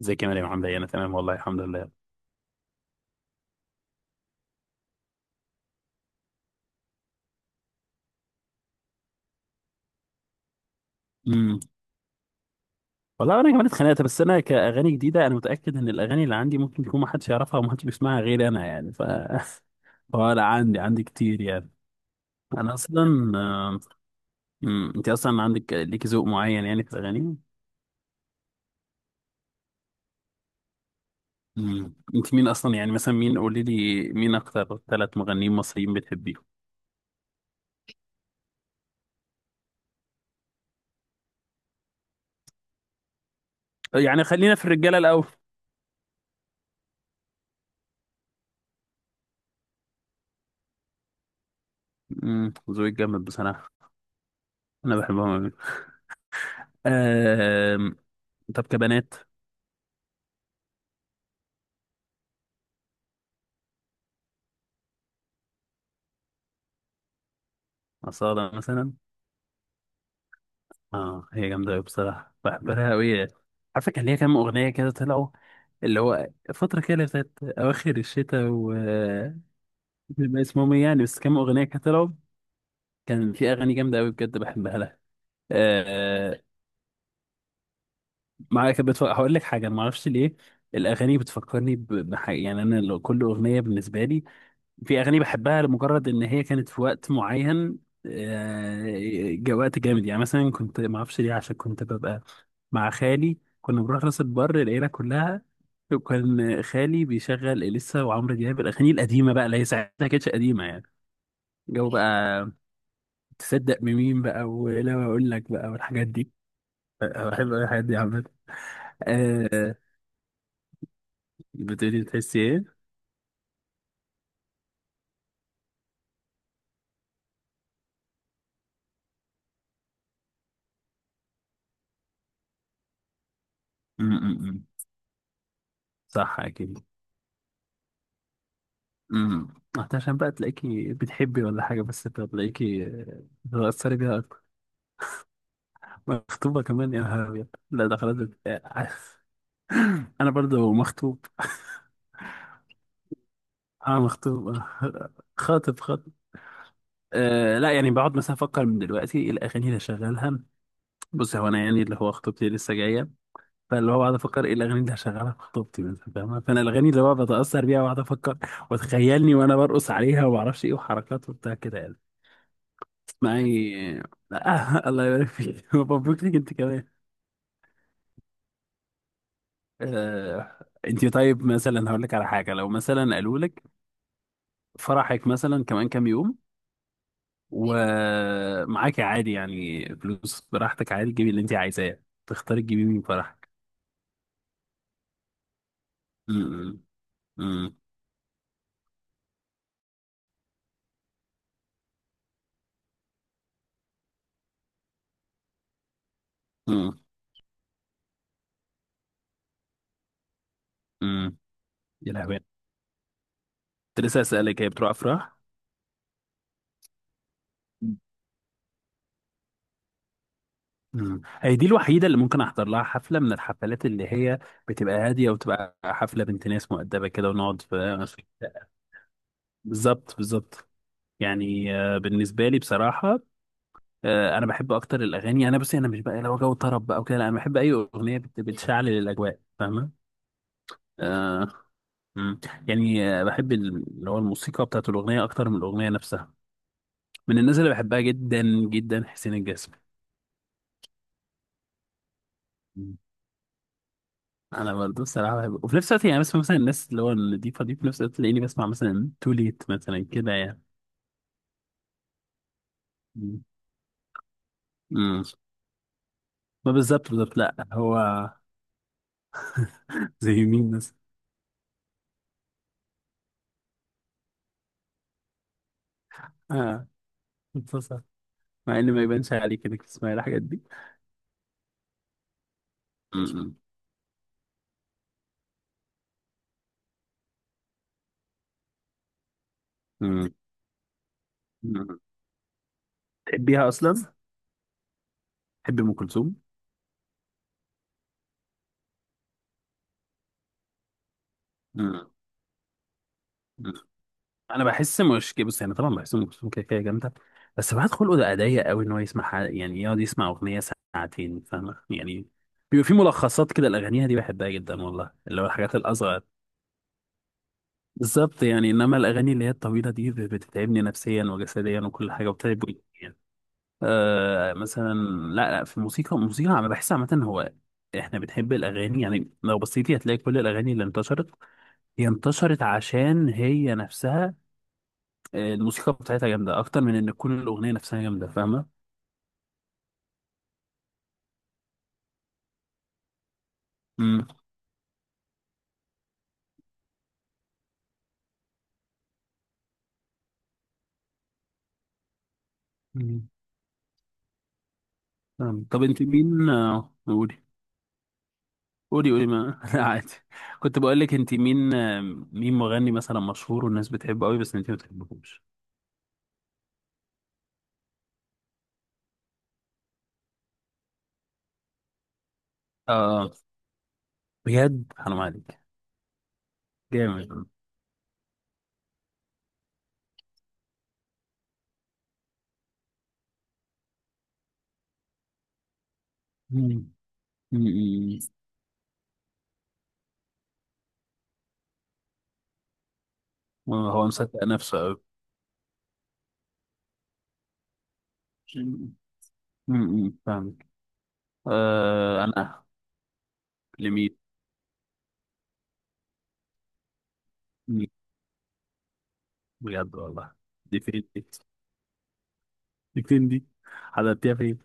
زي كمان يا محمد، انا تمام والله الحمد لله. امم والله انا كمان اتخانقت، بس انا كاغاني جديده انا متاكد ان الاغاني اللي عندي ممكن يكون ما حدش يعرفها وما حدش بيسمعها غير انا، يعني ف فلا عندي كتير يعني. انا اصلا انت اصلا عندك ليك ذوق معين يعني في الاغاني؟ انت مين اصلا؟ يعني مثلا مين، قولي لي مين اكتر ثلاث مغنيين مصريين بتحبيهم؟ يعني خلينا في الرجاله الاول. ذوقك جامد بصراحه. انا بحبهم أوي. أم... طب كبنات؟ أصالة مثلا. اه، هي جامدة أوي بصراحة، بحبها أوي. عارفة كان ليها كام أغنية كده طلعوا، اللي هو فترة كده اللي بتاعت أواخر الشتاء و بيبقى اسمهم إيه يعني، بس كام أغنية كده طلعوا. كان في أغاني جامدة أوي بجد بحبها لها. آه معايا كانت هقول لك حاجة، أنا معرفش ليه الأغاني بتفكرني بحاجة، يعني أنا لو كل أغنية بالنسبة لي، في اغاني بحبها لمجرد ان هي كانت في وقت معين. وقت جامد يعني، مثلا كنت ما اعرفش ليه، عشان كنت ببقى مع خالي، كنا بنروح راس البر العيله كلها، وكان خالي بيشغل اليسا وعمرو دياب، الاغاني القديمه بقى اللي هي ساعتها ما كانتش قديمه يعني. جو بقى. تصدق بمين بقى، ولا ما اقول لك بقى والحاجات دي؟ أه، بحب أوي الحاجات دي عامه. آه، بتقولي تحسي ايه؟ م- م- م. صح اكيد. امم عشان بقى تلاقيكي بتحبي ولا حاجة، بس انت تلاقيكي بتتأثري بيها أكتر. مخطوبة كمان؟ يا نهار أبيض، لا ده خلاص. آه، أنا برضو مخطوب أنا مخطوب، خاطب خاطب. أه لا، يعني بقعد مثلا أفكر من دلوقتي إيه الأغاني اللي هشغلها. بص، هو أنا يعني اللي هو خطوبتي لسه جاية، فاللي هو بقعد أفكر إيه الأغاني اللي هشغلها في خطوبتي مثلا، فاهمة؟ فأنا الأغاني اللي هو بتأثر بيها، وأقعد أفكر وتخيلني وأنا برقص عليها وما أعرفش إيه وحركات وبتاع كده يعني. معي. آه الله يبارك فيك مبروك ليك انت كمان. آه انت طيب مثلا، هقول لك على حاجه، لو مثلا قالوا لك فرحك مثلا كمان كام يوم، ومعاك عادي يعني فلوس براحتك، عادي تجيبي اللي انت عايزاه، تختاري تجيبي مين فرحك؟ امم امم امم امم يا لهوي، كنت لسه اسالك هي بتروح افراح. مم، هي دي الوحيده اللي ممكن احضر لها حفله، من الحفلات اللي هي بتبقى هاديه وتبقى حفله بنت ناس مؤدبه كده ونقعد في. بالظبط بالظبط. يعني آه، بالنسبه لي بصراحه، انا بحب اكتر الاغاني، انا بصي انا مش بقى لو جو طرب بقى وكده لا، انا بحب اي اغنيه بتشعل الاجواء، فاهمه؟ آه مم. يعني بحب اللي هو الموسيقى بتاعت الاغنيه اكتر من الاغنيه نفسها. من الناس اللي بحبها جدا جدا حسين الجسمي. مم. انا برضه الصراحه بحب، وفي نفس الوقت يعني بسمع مثلا الناس اللي هو النضيفه دي، في نفس الوقت تلاقيني بسمع مثلا تو ليت مثلا كده يعني. مم. مم. ما بالظبط بالظبط، لا هو زي مين مثلا؟ اه، اتفضل. مع ان ما يبانش عليك انك تسمعي الحاجات دي. مم. مم. مم. تحبيها اصلا؟ تحب ام كلثوم؟ مم. مم. انا بحس مش كده. بص يعني طبعا بحس ام كلثوم كده كده جامده، بس بعد خلقه ده ضيق قوي ان هو يسمع يعني يقعد يسمع اغنيه ساعتين، فاهمه يعني؟ بيبقى في ملخصات كده الاغانيها دي بحبها جدا والله، اللي هو الحاجات الاصغر. بالظبط يعني، انما الاغاني اللي هي الطويله دي بتتعبني نفسيا وجسديا وكل حاجه وبتتعب. آه مثلا، لا لا، في الموسيقى الموسيقى، انا بحس عامه هو احنا بنحب الاغاني، يعني لو بصيتي هتلاقي كل الاغاني اللي انتشرت، هي انتشرت عشان هي نفسها الموسيقى بتاعتها جامده اكتر من ان تكون الاغنيه نفسها جامده، فاهمه؟ امم مم. فاهم. طب انت مين قولي. قولي ما لا عادي. كنت بقول لك انت مين، مين مغني مثلا مشهور والناس بتحبه قوي بس انت ما بتحبهوش؟ اه. آه. بجد حرام عليك، جامد. مم. مم. هو مصدق نفسه. امم فاهمك. آه، انا لمين؟ مم. بجد والله؟ دي فين دي دي فين دي حضرتيها فين؟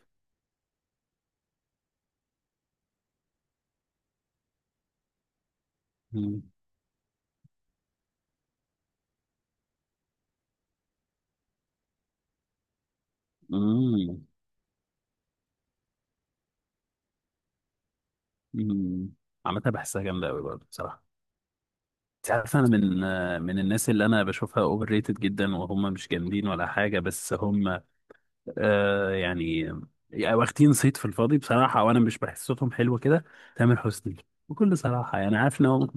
امم امم أمم، عامة بحسها جامدة أوي برضه بصراحة. أنت عارف أنا من من الناس اللي أنا بشوفها أوفر ريتد جدا، وهم مش جامدين ولا حاجة، بس هم آه يعني يعني واخدين صيت في الفاضي بصراحة، وأنا مش بحس صوتهم حلو كده. تامر حسني، بكل صراحة يعني، عارف إن هو.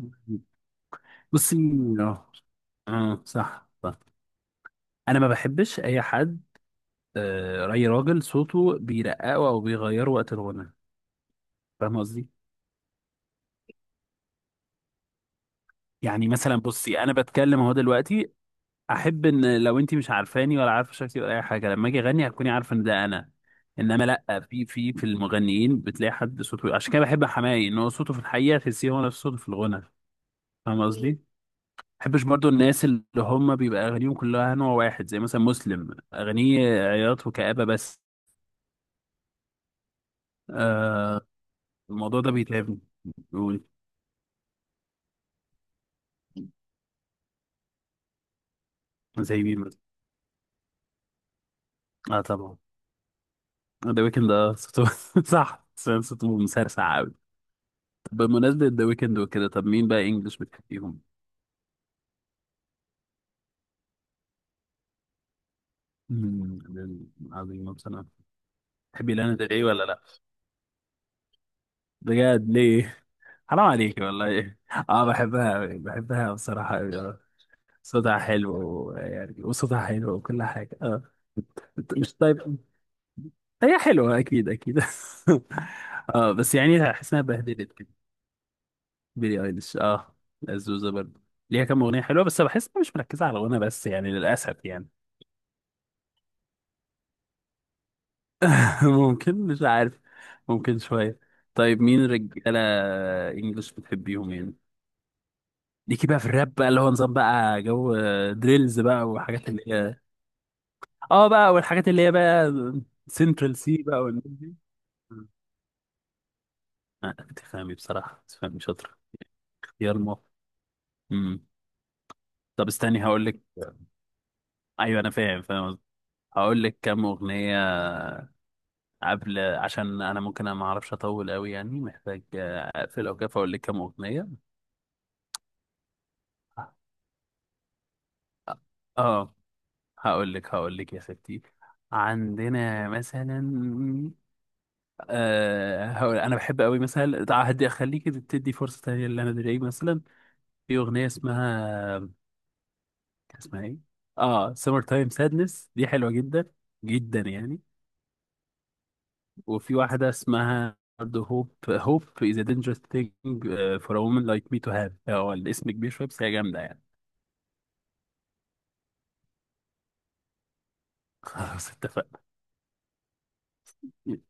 بصي، آه صح صح. انا ما بحبش اي حد اي راجل صوته بيرققه او بيغيره وقت الغنى، فاهم قصدي؟ يعني مثلا بصي، انا بتكلم اهو دلوقتي، احب ان لو انت مش عارفاني ولا عارفه شكلي ولا اي حاجه، لما اجي اغني هتكوني عارفه ان ده انا. انما لا، في المغنيين بتلاقي حد صوته، عشان كده بحب حماقي، ان هو صوته في الحقيقه تحسيه هو نفس صوته في الغنى، فاهم؟ مم. قصدي ما بحبش برضو الناس اللي هم بيبقى اغانيهم كلها نوع واحد، زي مثلا مسلم، اغانيه عياط وكآبة بس. آه، الموضوع ده بيتعبني. زي مين مثلا؟ اه طبعا، ذا ويكند، اه صوته صح سام، صوته مسرسع قوي. طب بمناسبة ذا ويكند وكده، طب مين بقى انجلش بتحبيهم؟ مم، دول عظيم بصراحة. تحبي لانا ديل ري ولا لا؟ بجد ليه؟ حرام عليكي والله. اه بحبها أوي، بحبها بصراحة أوي، آه. صوتها حلو يعني، وصوتها حلو وكل حاجة اه. مش طيب، هي حلوة أكيد أكيد اه بس يعني أحس إنها بهدلت كده. بيلي ايليش اه، الزوزة برضه، ليها كام اغنيه حلوه بس بحس إنها مش مركزه على غنى بس، يعني للاسف يعني. ممكن، مش عارف، ممكن شويه. طيب مين رجاله انجلش بتحبيهم يعني؟ ليكي بقى في الراب بقى اللي هو نظام بقى، جو دريلز بقى، وحاجات اللي هي اه بقى، والحاجات اللي هي بقى سنترال سي بقى والناس دي. مم. تفهمي بصراحه، تفهمي شاطر. اختيار موفق امم طب استني هقول لك. ايوه انا فاهم فاهم قصدك. هقول لك كام اغنيه قبل، عشان انا ممكن انا ما اعرفش اطول قوي يعني، محتاج اقفل او كده، فاقول لك كام اغنيه. اه، هقول لك يا ستي. عندنا مثلا هقول انا بحب قوي مثلا، هدي اخليك تدي فرصه تانيه لانا دري مثلا. في اغنيه اسمها، كان اسمها ايه، اه سمر تايم سادنس، دي حلوه جدا جدا يعني. وفي واحده اسمها برضه هوب هوب is a dangerous thing for a woman like me to have، هو الاسم كبير شويه بس هي جامده يعني. خلاص اتفقنا.